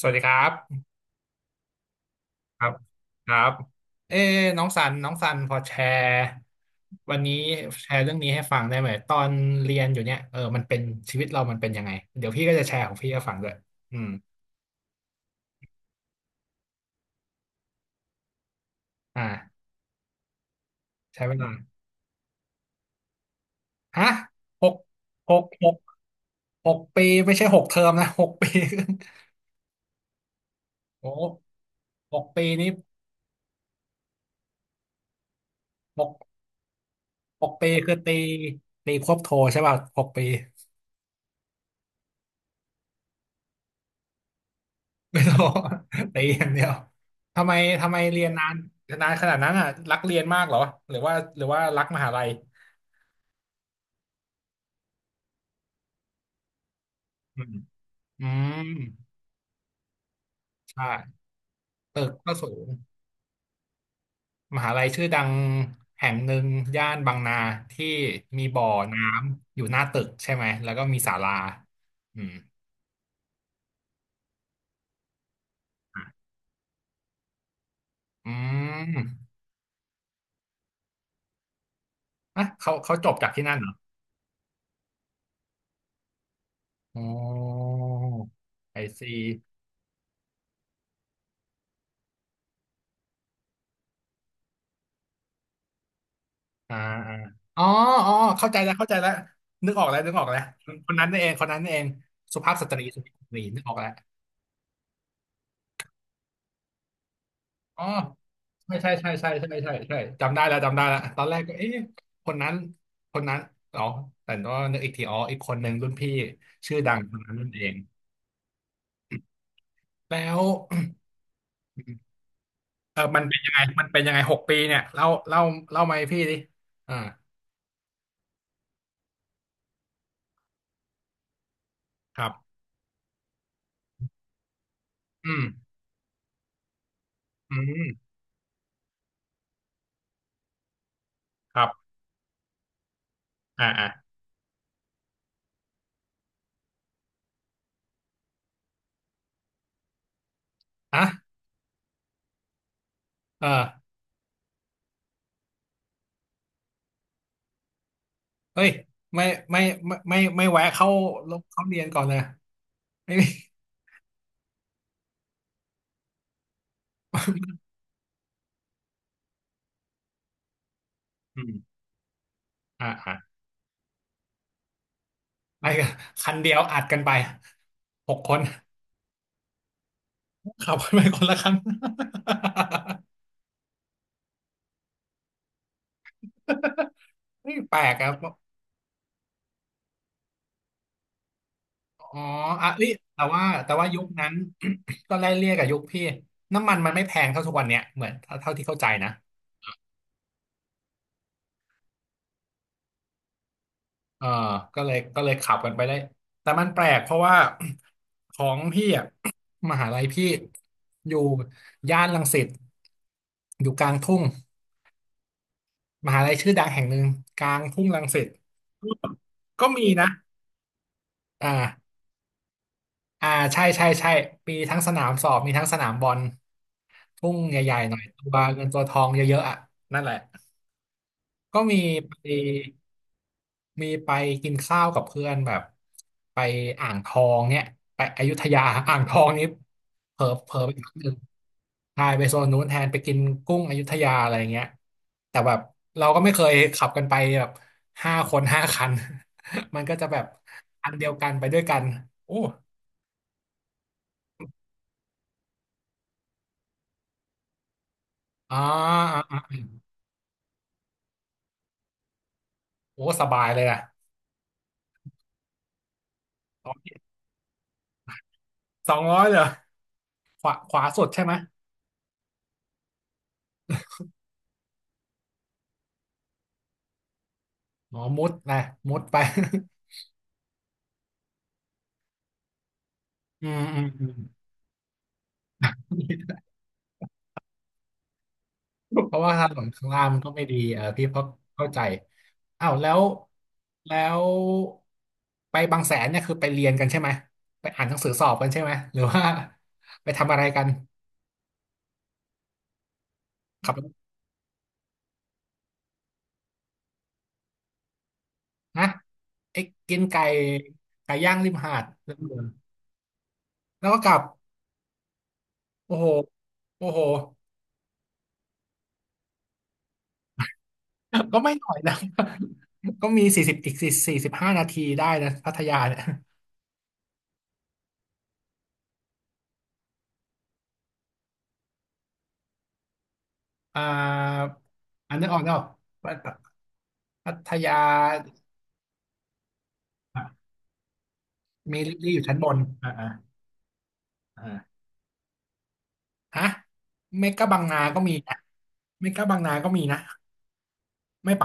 สวัสดีครับครับครับเอ้น้องสันพอแชร์วันนี้แชร์เรื่องนี้ให้ฟังได้ไหมตอนเรียนอยู่เนี่ยเออมันเป็นชีวิตเรามันเป็นยังไงเดี๋ยวพี่ก็จะแชร์ของพี่ให้ฟังด้วยอืมอ่าใช้เวลาฮะหกหกหกหกปีไม่ใช่หกเทอมนะหกปี โอ้หกปีนี้หกหกปีคือตีตีควบโทใช่ป่ะหกปี ไม่ต้อง ตีอย่างเดียวทำไมทำไมเรียนนานนานขนาดนั้นอ่ะรักเรียนมากเหรอหรือว่ารักมหาลัยอืมอืมใช่ตึกก็สูงมหาลัยชื่อดังแห่งหนึ่งย่านบางนาที่มีบ่อน้ำอยู่หน้าตึกใช่ไหมแล้วก็มีศาลาอืมอืมอ่ะเขาจบจากที่นั่นเหรออ๋อไอซี อ่าอ่าอ๋ออ๋อเข้าใจแล้วเข้าใจแล้วนึกออกแล้วนึกออกแล้วคนนั้นนี่เองคนนั้นนี่เองสุภาพสตรีสุภาพสตรีนึกออกแล้วอ๋อใช่ใช่ใช่ใช่ใช่ใช่ใช่จำได้แล้วจำได้แล้วตอนแรกก็เอ๊ะคนนั้นคนนั้นอ๋อแต่ก็นึกอีกทีอ๋ออีกคนหนึ่งรุ่นพี่ชื่อดังคนนั้นนั่นเองแล้ว เออมันเป็นยังไงมันเป็นยังไงหกปีเนี่ยเล่าเล่าเล่ามาให้พี่ดิอ่าครับอืมอืมครับอ่าอ่าอ่ะเออ เฮ้ยไม่ไม่ไม่ไม่ไม่แวะเข้าเขาเรียนก่อนเลยไม่มีอืมอ่าอ่าไปกันคันเดียวอัดกันไปหกคนขับกันไปคนละคัน้ แปลกอะอ๋ออ่ะเอ้ยแต่ว่ายุคนั้น ก็ไล่เลี่ยกับยุคพี่น้ำมันมันไม่แพงเท่าทุกวันเนี้ยเหมือนเท่าที่เข้าใจนะ เออก็เลยขับกันไปได้แต่มันแปลกเพราะว่า ของพี่อ่ะ มหาลัยพี่อยู่ย่านรังสิตอยู่กลางทุ่งมหาลัยชื่อดังแห่งหนึ่งกลางทุ่งรังสิตก็ก็มีนะอ่าอ่าใช่ใช่ใช่มีทั้งสนามสอบมีทั้งสนามบอลทุ่งใหญ่ๆหน่อยตัวเงินตัวทองเยอะๆอ่ะนั่นแหละ ก็มีไปมีไปกินข้าวกับเพื่อนแบบไปอ่างทองเนี่ยไปอยุธยา อ่างทองนี้เผลอเผลอไปนิดนึงใช่ไปโซนนู้นแทนไปกินกุ้งอยุธยาอะไรเงี้ยแต่แบบเราก็ไม่เคยขับกันไปแบบห้าคนห้าคัน มันก็จะแบบอันเดียวกันไปด้วยกันโอ้อ่าอ่าอ่าโอ้สบายเลยอะสองสองร้อยเยเหรอขวาสุดใช่ไหมยอ๋อมุดนะมุดไป อืมอืม เพราะว่าถนนข้างล่างมันก็ไม่ดีเออพี่เพราะเข้าใจอ้าวแล้วแล้วไปบางแสนเนี่ยคือไปเรียนกันใช่ไหมไปอ่านหนังสือสอบกันใช่ไหมหรือว่า ไปทำอะไรกันขับรถนะไอ้กินไก่ไก่ย่างริมหาดแล้วเดินแล้วก็กลับโอ้โหโอ้โหก็ไม่หน่อยนะ ก็มีสี่สิบอีกสี่สิบห้านาทีได้นะพัทยาเนี่ยอ่าอันนึกออกเนาะพัทยา เมีลิลลี่อยู่ชั้นบนอ่าอ่าอ่าฮะเมกะบางนาก็มีนะเมกะบางนา ก็มีนะ ไม่ไป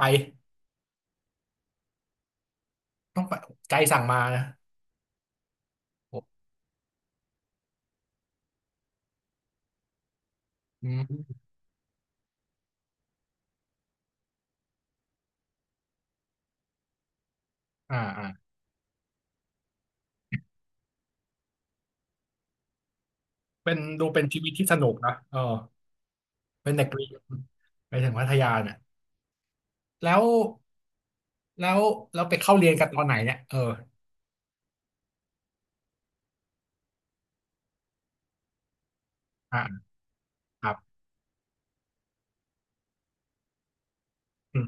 ต้องไปใจสั่งมานะโอ้อืมอ่าอ่าเป็นดูเป็นชีวิตที่สนุกนะเออเป็นเด็กเรียนไปถึงพัทยาเนี่ยแล้วแล้วแล้วไปเข้าเรียนกันตอนไหนเนี่ยเอออ่าครับอืม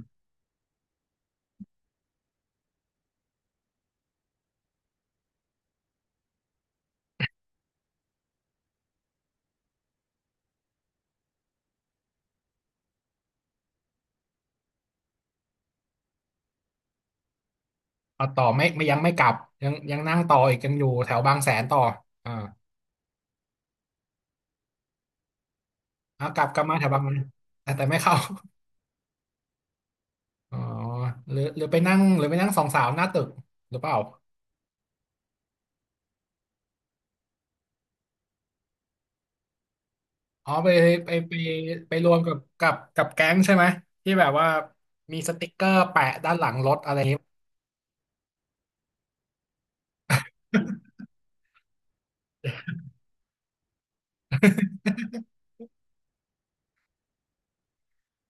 เอาต่อไม่ไม่ยังไม่กลับ ยังยังนั่งต่ออีกยังอยู่แถวบางแสนต่ออ่าเอากลับกลับมาแถวบางแสนาแต่แต่ไม่เข้า อ๋อหรือหรือไปนั่งหรือไปนั่งสองสาวหน้าตึกหรือเปล่าอ๋อไปไปไปไปรวมกับแก๊งใช่ไหมที่แบบว่ามีสติกเกอร์แปะด้านหลังรถอะไรอย่างเงี้ย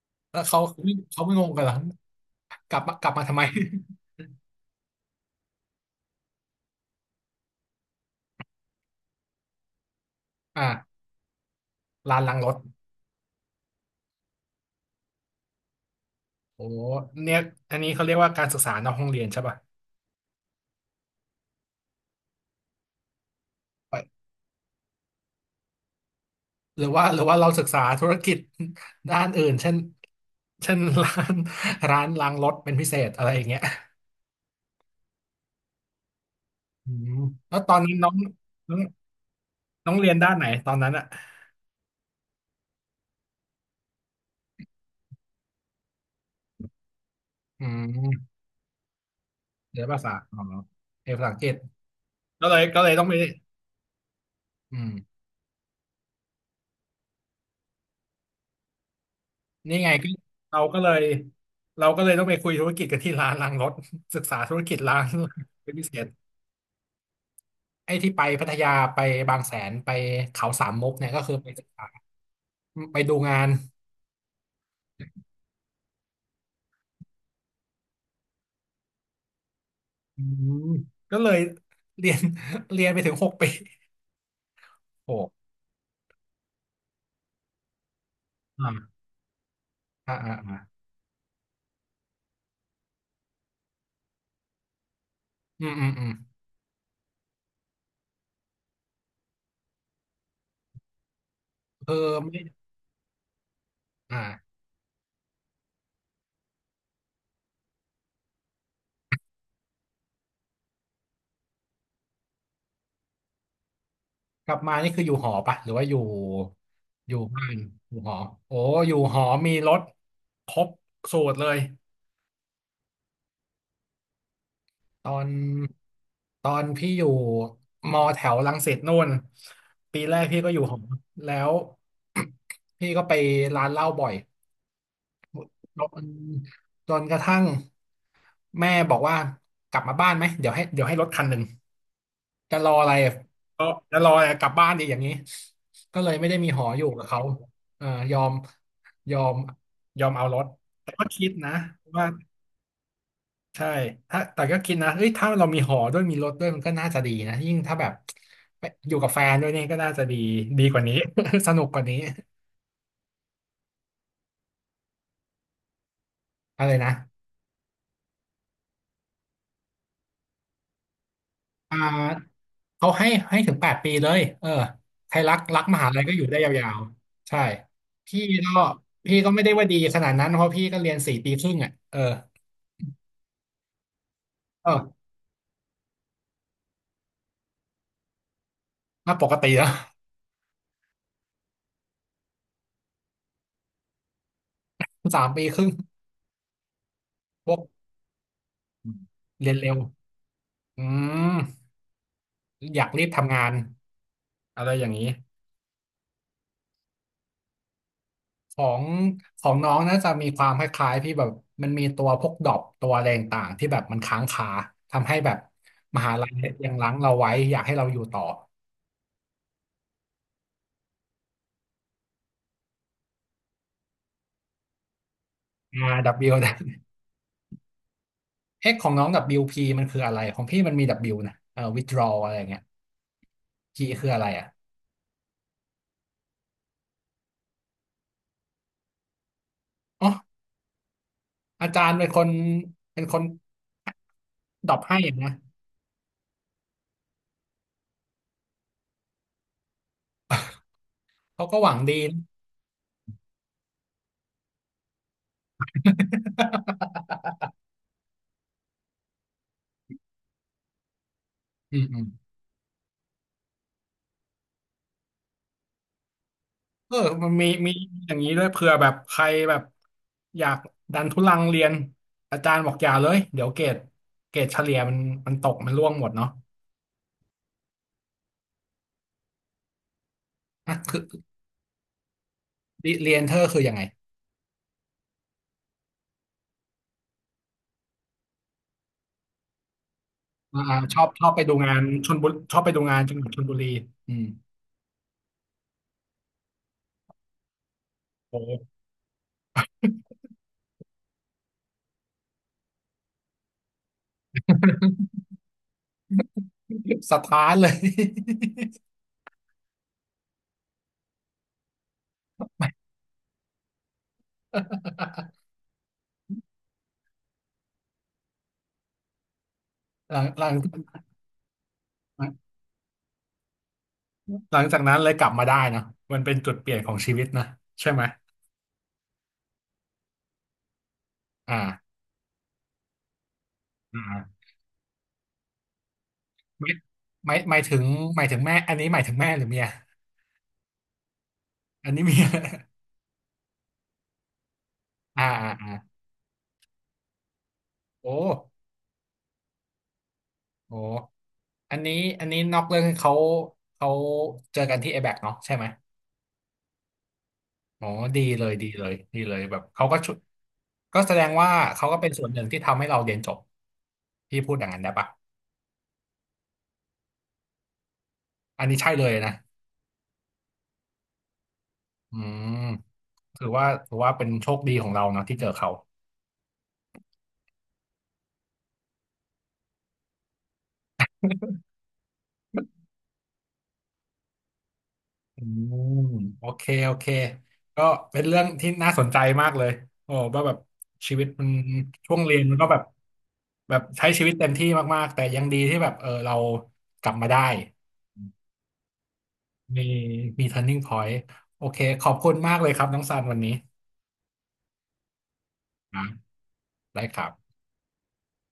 แล้วเขาเขาไม่งงกันเหรอกลับมากลับมาทำไม อ่าลานหลังรถโอ้เนี่ยอันนี้เขาเรียกว่าการศึกษานอกห้องเรียนใช่ป่ะไปหรือว่าเราศึกษาธุรกิจ ด้านอื่นเช่นร้าน ร้านล้างรถเป็นพิเศษอะไรอย่างเงี้ยอืมแล้วตอนนี้น้อง น้องเรียนด้านไหนตอนนั้นอ่ะอืมเรียนภาษาอ๋อเรียนภาษาอังกฤษก็เลยต้องไปอืมนี่ไงก็เราก็เลยเราก็เลยต้องไปคุยธุรกิจกับที่ร้านล้างรถ ศึกษาธุรกิจร้าน เป็นพิเศษไอ้ที่ไปพัทยาไปบางแสนไปเขาสามมุกเนี่ยก็คือไปศึกษาไปดูงานอืมก็เลยเรียนเรียนไปถึงหกปีโอ้อ่าอ่าอ่าอืมอืมอืมเออไม่อ่า กลับมานี่คืออยู่หอปะหรือว่าอยู่อยู่บ้านอยู่หอโอ้อยู่หอมีรถครบสูตรเลยตอนตอนพี่อยู่มอแถวรังสิตนู่นปีแรกพี่ก็อยู่หอแล้ว พี่ก็ไปร้านเหล้าบ่อยจนจนกระทั่งแม่บอกว่ากลับมาบ้านไหมเดี๋ยวให้รถคันหนึ่ง จะรออะไรก็จะรออะไรกลับบ้านดีอย่างนี้ก็เลยไม่ได้มีหออยู่กับเขาเออยอมยอมยอมเอารถแต่ก็คิดนะว่าใช่ถ้าแต่ก็คิดนะเอ้ยถ้าเรามีหอด้วยมีรถด้วยมันก็น่าจะดีนะยิ่งถ้าแบบไปอยู่กับแฟนด้วยนี่ก็น่าจะดีดีกว่านี้ สนุกกว่านี้อะไรนะ อ่าเขาให้ถึงแปดปีเลยเออใครรักมหาลัยก็อยู่ได้ยาวๆใช่พี่ก็พี่ก็ไม่ได้ว่าดีขนาดนั้นเพราะพี่ก็เรียนสี่ปีครึ่งอ่ะเอออน่าปกติแล้ว สามปีครึ่งพวกเรียนเร็วอืมอยากรีบทำงานอะไรอย่างนี้ของของน้องน่าจะมีความคล้ายๆพี่แบบมันมีตัวพวกดรอปตัวอะไรต่างๆที่แบบมันค้างคาทำให้แบบมหาลัยยังรั้งเราไว้อยากให้เราอยู่ต่ออา W นะ เอ็กของน้อง WP มันคืออะไรของพี่มันมี W นะwithdraw อะไรอย่างเงี้ย G คืออะไรอ่ะอ๋ออาจารย์เป็นคนดรอปให้นะเขาก็หวังดีนะ อืมเออมันมีมีอย่างนี้ด้วยเผื่อแบบใครแบบอยากดันทุลังเรียนอาจารย์บอกอย่าเลยเดี๋ยวเกรดเฉลี่ยมันมันตกมันร่วงหมดเนาะอ่ะคือเรียนเธอคือยังไงอ่าชอบไปดูงานชลบุรีชอบไปดูงานจังหวัดชลบุรีอืมโอ้ สถานเลย หลังหลังหลังจากนั้นเลยกลับมาได้เนอะมันเป็นจุดเปลี่ยนของชีวิตนะใช่ไหมอ่าอ่าไม่ไม่หมายถึงหมายถึงแม่อันนี้หมายถึงแม่หรือเมียอันนี้เมีย อ่าอ่าอ่าโอ้โหอันนี้อันนี้นอกเรื่องเขาเขาเจอกันที่ a อแบกเนาะใช่ไหมอ๋อดีเลยดีเลยดีเลยแบบเขาก็ชุก็แสดงว่าเขาก็เป็นส่วนหนึ่งที่ทำให้เราเรียนจบพี่พูดอย่างนั้นได้ปะอันนี้ใช่เลยนะ อืมถือว่าเป็นโชคดีของเราเนาะที่เจอเขาอืมโอเคโอเคก็เป็นเรื่องที่น่าสนใจมากเลยโอ้ว่าแบบชีวิตมันช่วงเรียนมันก็แบบแบบใช้ชีวิตเต็มที่มากๆแต่ยังดีที่แบบเออเรากลับมาได้มีมี turning point โอเคขอบคุณมากเลยครับน้องซันวันนี้นะได้ครับ